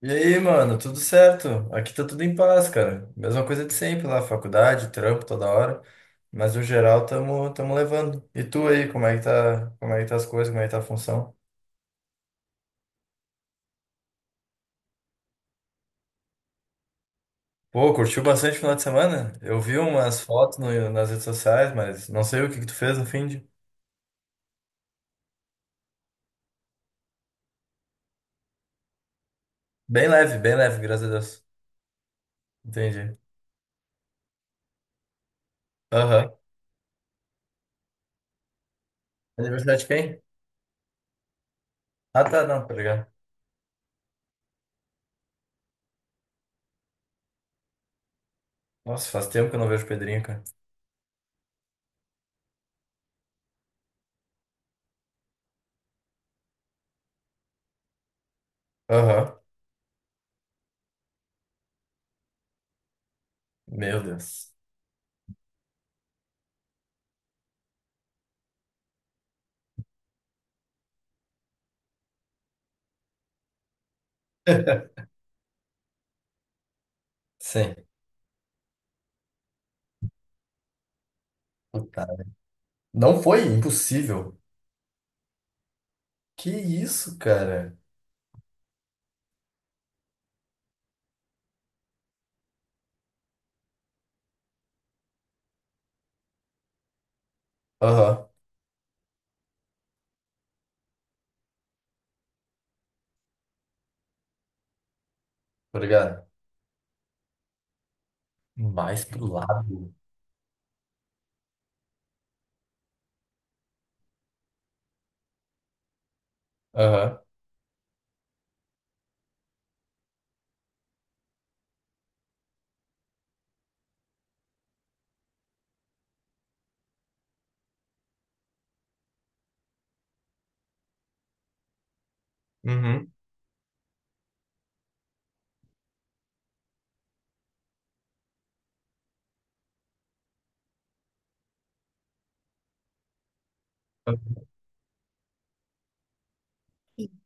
E aí, mano, tudo certo? Aqui tá tudo em paz, cara. Mesma coisa de sempre lá, faculdade, trampo toda hora. Mas no geral, tamo levando. E tu aí, como é que tá as coisas, como é que tá a função? Pô, curtiu bastante o final de semana? Eu vi umas fotos nas redes sociais, mas não sei o que que tu fez no fim de. Bem leve, graças a Deus. Entendi. Aham. Aniversário de quem? Ah, tá, não, tá ligado. Nossa, faz tempo que eu não vejo o Pedrinho, cara. Aham. Meu Deus. Sim. Puta. Não foi impossível. Que isso, cara? Aham, obrigado. Mais pro lado. Aham. Uhum.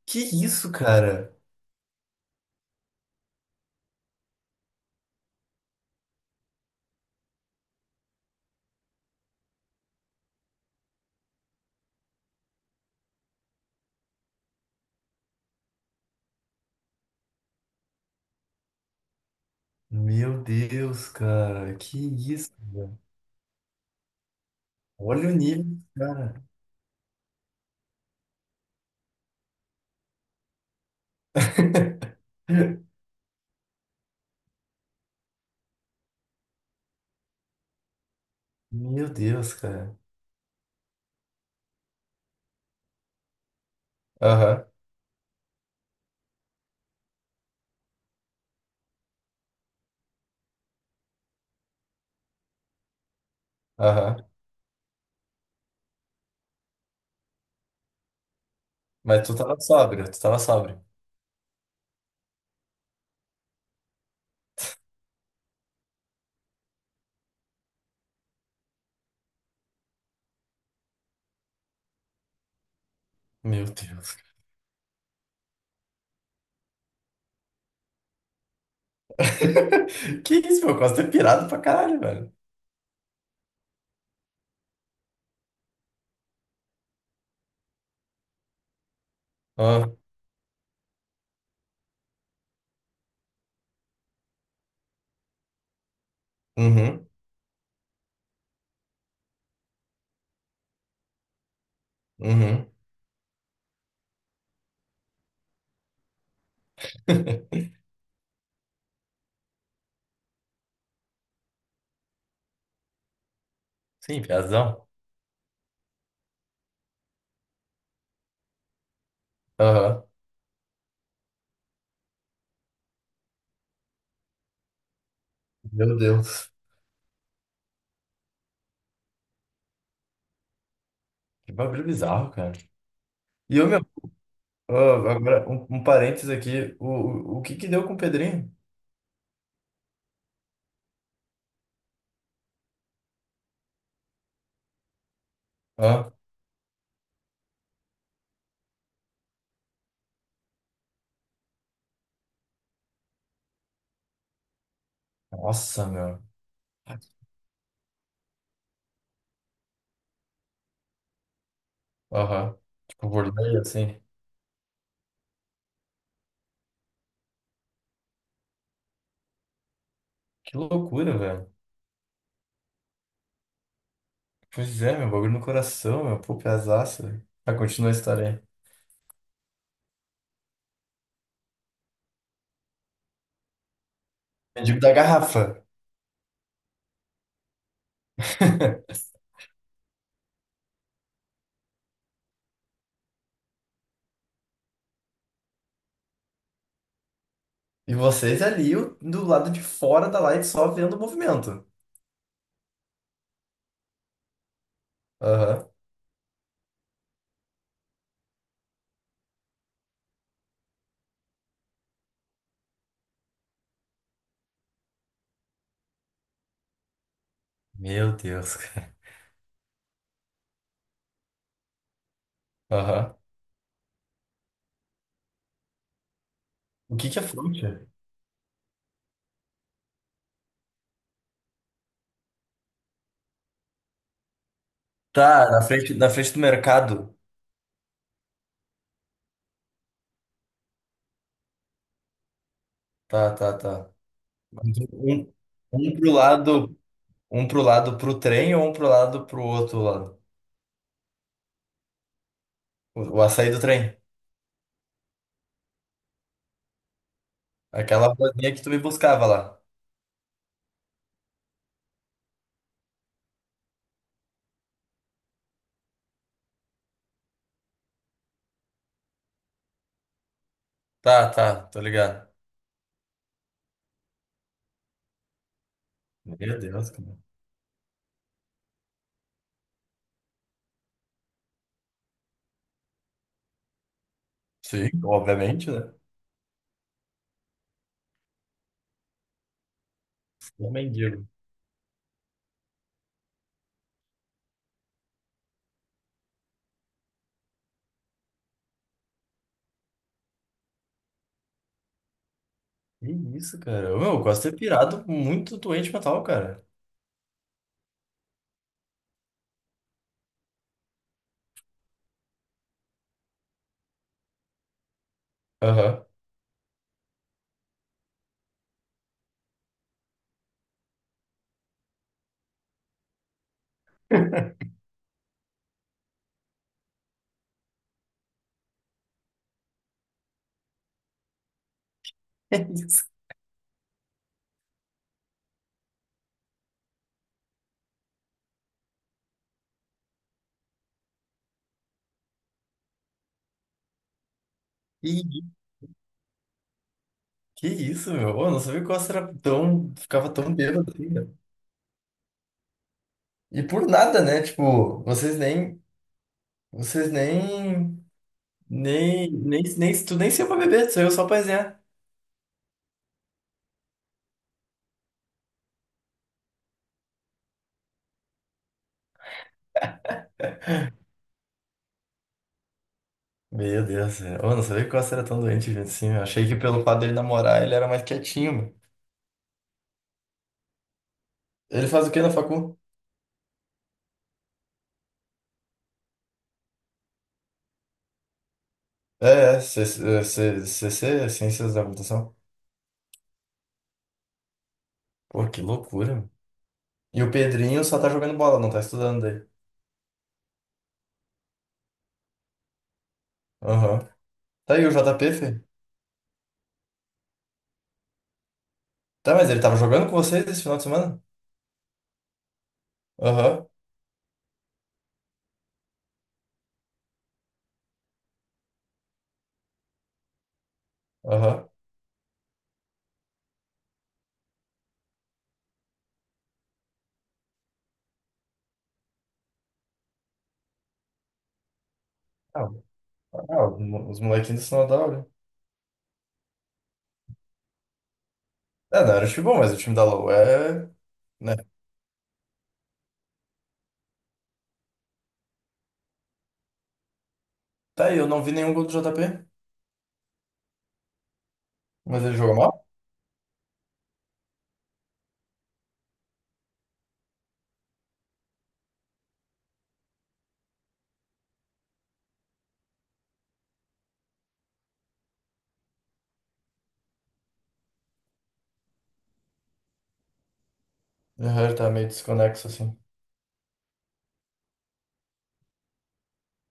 Que isso, cara? Meu Deus, cara. Que isso, velho? Olha o nível, cara. Meu Deus, cara. Aham, aham. Mas tu tava sóbrio. Meu Deus. Que isso, meu? Quase ter pirado pra caralho, velho. Ah, uhum, uhum. Sim, piazão. Aham. Meu Deus. Que bagulho bizarro, cara. E eu, meu. Ô, agora, um parênteses aqui. O que que deu com o Pedrinho? Ah, nossa, meu. Aham. Tipo, volei assim. Que loucura, velho. Pois é, meu. Bagulho no coração, meu. Pô, pesaço, velho. Mas continua a história aí. Mendigo da garrafa. E vocês ali do lado de fora da light só vendo o movimento. Aham. Meu Deus, cara. Aham. O que que é fronte? Tá, na frente do mercado. Tá. Um, um pro lado. Um pro lado pro trem ou um pro lado pro outro lado? O açaí do trem. Aquela ruazinha que tu me buscava lá. Tá, tô ligado. Meu Deus, cara. Sim, obviamente, né? Ô, mendigo. Que isso, cara? Ô, meu, eu gosto de ter pirado muito doente mental, cara. Aham. É isso. Ih, que isso, meu? Ô, eu não sabia que o Oscar era tão. Ficava tão bêbado assim, cara. E por nada, né? Tipo, vocês nem. Vocês nem. Nem. Tu nem saiu pra beber, tu saiu só pra resenhar. Meu Deus, eu não sabia que o Costa era tão doente, gente, assim. Eu achei que pelo fato dele namorar, ele era mais quietinho, meu. Ele faz o que na facu? É, é, C- C- C- Ciências da Computação. Pô, que loucura, meu. E o Pedrinho só tá jogando bola, não tá estudando daí. Aham. Tá aí o JP, filho? Tá, mas ele tava jogando com vocês esse final de semana? Aham, aham. Ah, ah, os molequinhos do sinal da aula. É, não era o time bom, mas o time da LoL é... Né? Tá aí, eu não vi nenhum gol do JP, mas ele jogou mal? Aham, ele tá meio desconexo, assim.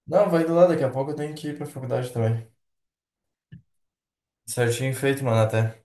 Não, vai do lado, daqui a pouco eu tenho que ir pra faculdade também. Certinho feito, mano, até.